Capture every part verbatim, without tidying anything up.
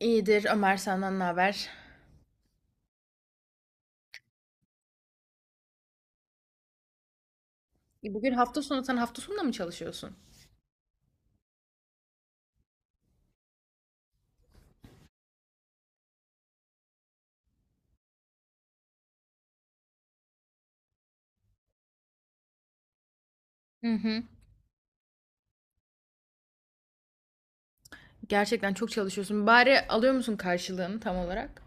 İyidir Ömer, senden ne haber? E, Bugün hafta sonu, sen hafta sonunda mı çalışıyorsun? Hı hı. Gerçekten çok çalışıyorsun. Bari alıyor musun karşılığını tam olarak?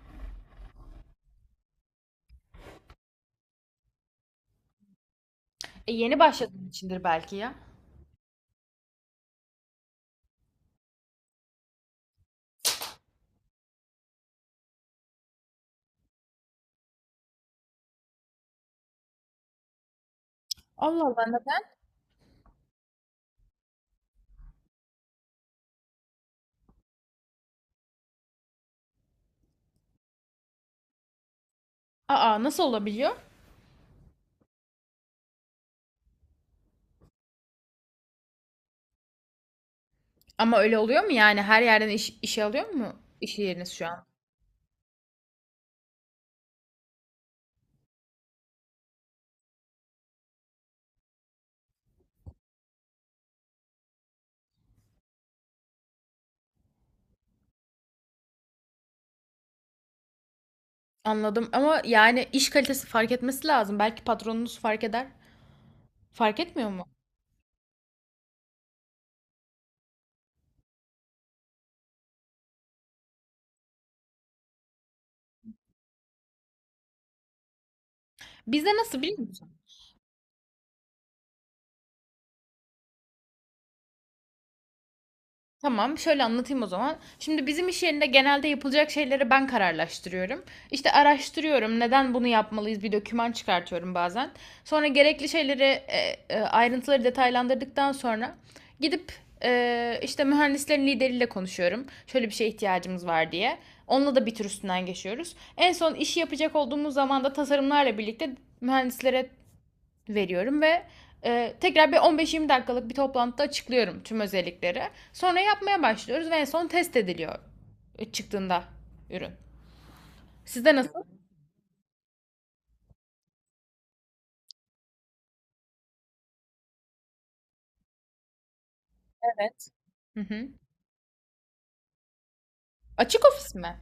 E, yeni başladığın içindir belki ya. Allah Allah, neden? Aa, nasıl olabiliyor? Ama öyle oluyor mu yani her yerden iş, işe alıyor mu iş yeriniz şu an? Anladım, ama yani iş kalitesi fark etmesi lazım. Belki patronunuz fark eder. Fark etmiyor mu? Bizde nasıl biliyor musun? Tamam, şöyle anlatayım o zaman. Şimdi bizim iş yerinde genelde yapılacak şeyleri ben kararlaştırıyorum. İşte araştırıyorum, neden bunu yapmalıyız, bir doküman çıkartıyorum bazen. Sonra gerekli şeyleri, e, e, ayrıntıları detaylandırdıktan sonra gidip e, işte mühendislerin lideriyle konuşuyorum. Şöyle bir şeye ihtiyacımız var diye. Onunla da bir tür üstünden geçiyoruz. En son işi yapacak olduğumuz zaman da tasarımlarla birlikte mühendislere veriyorum ve e, tekrar bir on beş yirmi dakikalık bir toplantıda açıklıyorum tüm özellikleri. Sonra yapmaya başlıyoruz ve en son test ediliyor e, çıktığında ürün. Sizde nasıl? Evet. Hı hı. Açık ofis mi?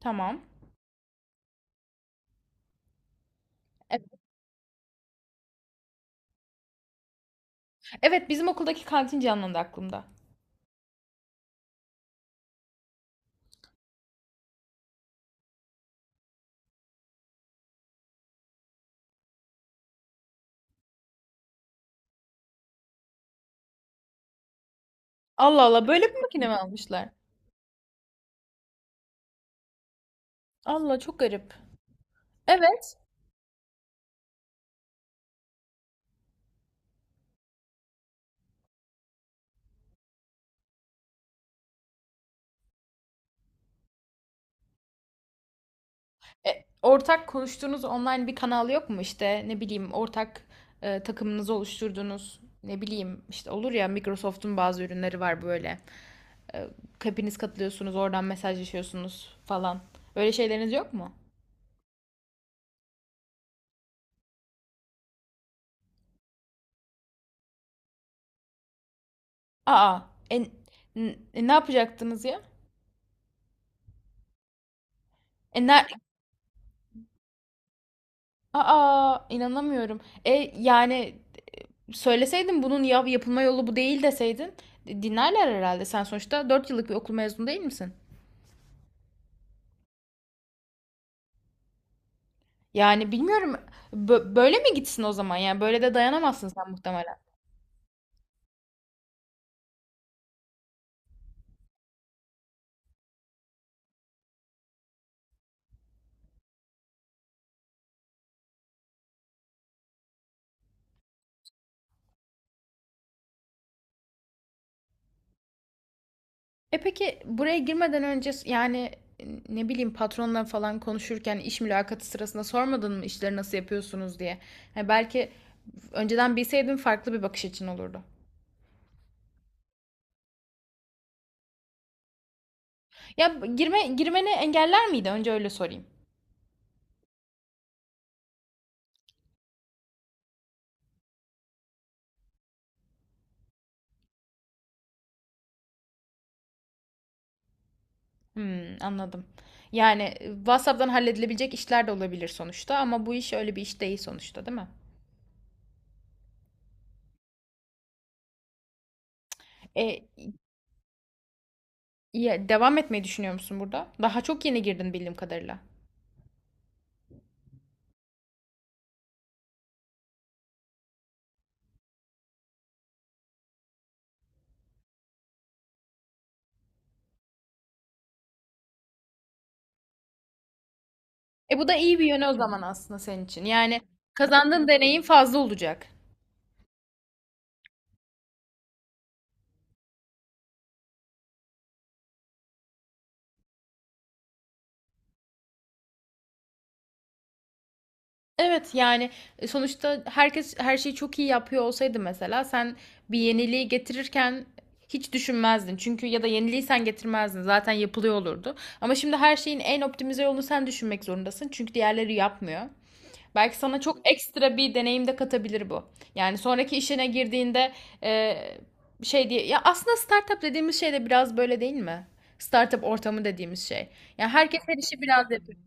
Tamam. Evet. Evet, bizim okuldaki kantin canlandı aklımda. Allah Allah, böyle bir makine mi almışlar? Allah, çok garip. Evet. E, ortak konuştuğunuz online bir kanal yok mu işte, ne bileyim, ortak e, takımınızı oluşturduğunuz, ne bileyim işte, olur ya Microsoft'un bazı ürünleri var böyle. Ee, Hepiniz katılıyorsunuz, oradan mesajlaşıyorsunuz falan. Öyle şeyleriniz yok mu? Aa, e, n- e, ne yapacaktınız ya? E, ner- Aa, inanamıyorum. E, yani, e, söyleseydin bunun yap yapılma yolu bu değil deseydin e, dinlerler herhalde. Sen sonuçta dört yıllık bir okul mezunu değil misin? Yani bilmiyorum. Bö- böyle mi gitsin o zaman? Yani böyle de dayanamazsın sen muhtemelen. E peki, buraya girmeden önce yani e, ne bileyim, patronla falan konuşurken iş mülakatı sırasında sormadın mı işleri nasıl yapıyorsunuz diye. Yani belki önceden bilseydin farklı bir bakış açın olurdu. Ya girme girmeni engeller miydi? Önce öyle sorayım. Hmm, anladım. Yani, e, WhatsApp'tan halledilebilecek işler de olabilir sonuçta, ama bu iş öyle bir iş değil sonuçta, değil mi? E, ya, devam etmeyi düşünüyor musun burada? Daha çok yeni girdin bildiğim kadarıyla. E, bu da iyi bir yönü o zaman aslında senin için. Yani kazandığın deneyim fazla olacak. Evet yani, e, sonuçta herkes her şeyi çok iyi yapıyor olsaydı mesela sen bir yeniliği getirirken hiç düşünmezdin. Çünkü ya da yeniliği sen getirmezdin. Zaten yapılıyor olurdu. Ama şimdi her şeyin en optimize yolunu sen düşünmek zorundasın. Çünkü diğerleri yapmıyor. Belki sana çok ekstra bir deneyim de katabilir bu. Yani sonraki işine girdiğinde, eee, şey diye, ya aslında startup dediğimiz şey de biraz böyle değil mi? Startup ortamı dediğimiz şey. Yani herkes her işi biraz yapıyor.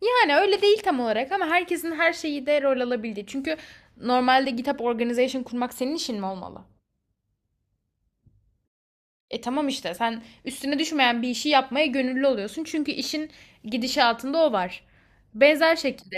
Yani öyle değil tam olarak, ama herkesin her şeyi de rol alabildiği. Çünkü normalde GitHub organization kurmak senin işin mi olmalı? E tamam, işte sen üstüne düşmeyen bir işi yapmaya gönüllü oluyorsun. Çünkü işin gidişatında o var. Benzer şekilde.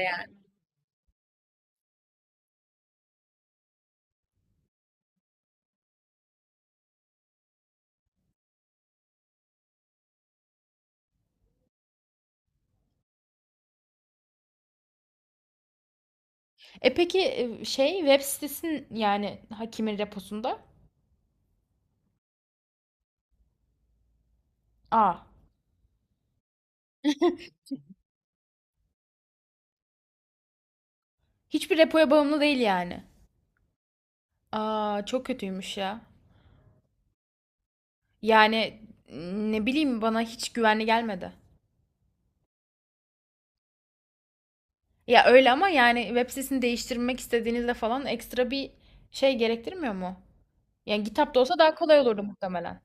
E peki, e, şey, web sitesinin yani hakimin reposunda? Aa, hiçbir repoya bağımlı değil yani. Aa, çok kötüymüş ya. Yani ne bileyim, bana hiç güvenli gelmedi. Ya öyle, ama yani web sitesini değiştirmek istediğinizde falan ekstra bir şey gerektirmiyor mu? Yani GitHub'da olsa daha kolay olurdu muhtemelen.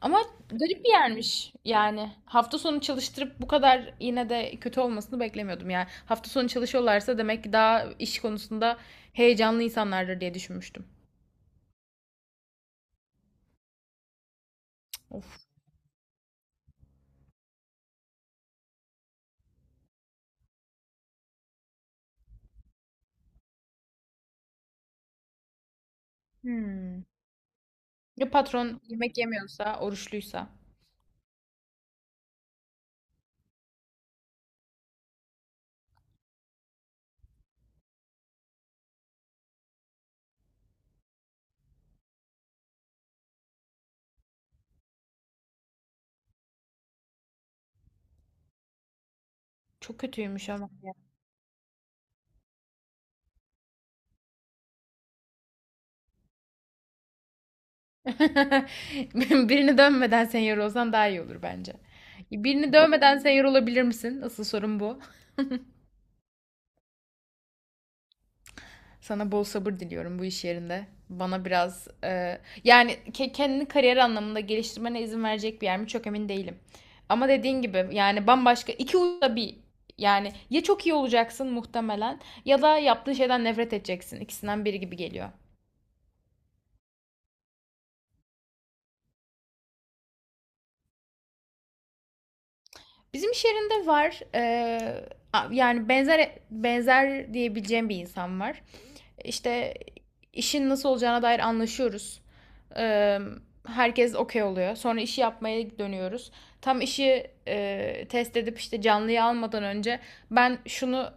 Ama garip bir yermiş yani. Hafta sonu çalıştırıp bu kadar yine de kötü olmasını beklemiyordum yani. Hafta sonu çalışıyorlarsa demek ki daha iş konusunda heyecanlı insanlardır diye düşünmüştüm. Of. Hmm. Ya patron yemek yemiyorsa, oruçluysa. Çok kötüymüş ama ya. Birini dövmeden senior olsan daha iyi olur bence. Birini dövmeden senior olabilir misin? Asıl sorun bu. Sana bol sabır diliyorum bu iş yerinde. Bana biraz e, yani ke- kendini kariyer anlamında geliştirmene izin verecek bir yer mi, çok emin değilim. Ama dediğin gibi yani bambaşka iki uçta bir, yani ya çok iyi olacaksın muhtemelen ya da yaptığın şeyden nefret edeceksin. İkisinden biri gibi geliyor. Bizim iş yerinde var. Ee, yani benzer benzer diyebileceğim bir insan var. İşte işin nasıl olacağına dair anlaşıyoruz. Ee, herkes okey oluyor. Sonra işi yapmaya dönüyoruz. Tam işi e, test edip işte canlıyı almadan önce ben şunu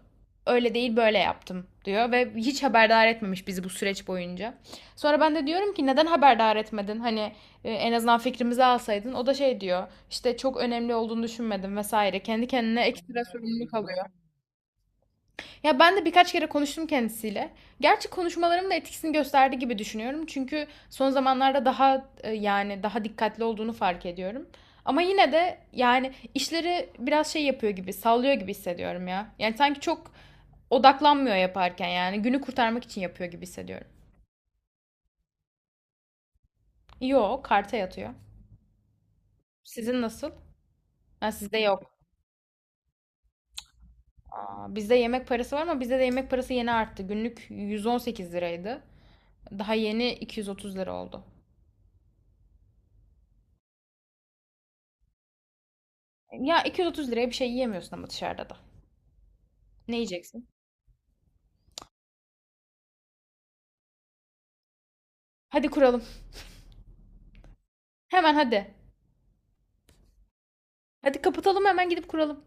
öyle değil böyle yaptım diyor ve hiç haberdar etmemiş bizi bu süreç boyunca. Sonra ben de diyorum ki neden haberdar etmedin? Hani e, en azından fikrimizi alsaydın. O da şey diyor işte, çok önemli olduğunu düşünmedim vesaire. Kendi kendine ekstra sorumluluk alıyor. Ya ben de birkaç kere konuştum kendisiyle. Gerçi konuşmalarım da etkisini gösterdi gibi düşünüyorum. Çünkü son zamanlarda daha e, yani daha dikkatli olduğunu fark ediyorum. Ama yine de yani işleri biraz şey yapıyor gibi, sallıyor gibi hissediyorum ya. Yani sanki çok odaklanmıyor yaparken, yani günü kurtarmak için yapıyor gibi hissediyorum. Yo, karta yatıyor. Sizin nasıl? Ha, sizde yok. Aa, bizde yemek parası var ama bizde de yemek parası yeni arttı. Günlük yüz on sekiz liraydı. Daha yeni iki yüz otuz lira oldu. Ya iki yüz otuz liraya bir şey yiyemiyorsun ama dışarıda da. Ne yiyeceksin? Hadi kuralım. Hemen hadi. Hadi kapatalım, hemen gidip kuralım.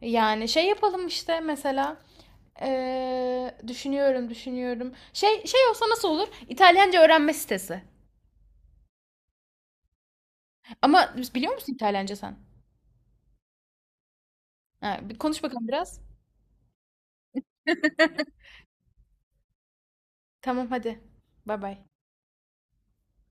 Yani şey yapalım işte mesela. Ee, düşünüyorum, düşünüyorum. Şey şey olsa nasıl olur? İtalyanca öğrenme sitesi. Ama biliyor musun İtalyanca sen? Ha, bir konuş bakalım biraz. Tamam hadi. Bay bay.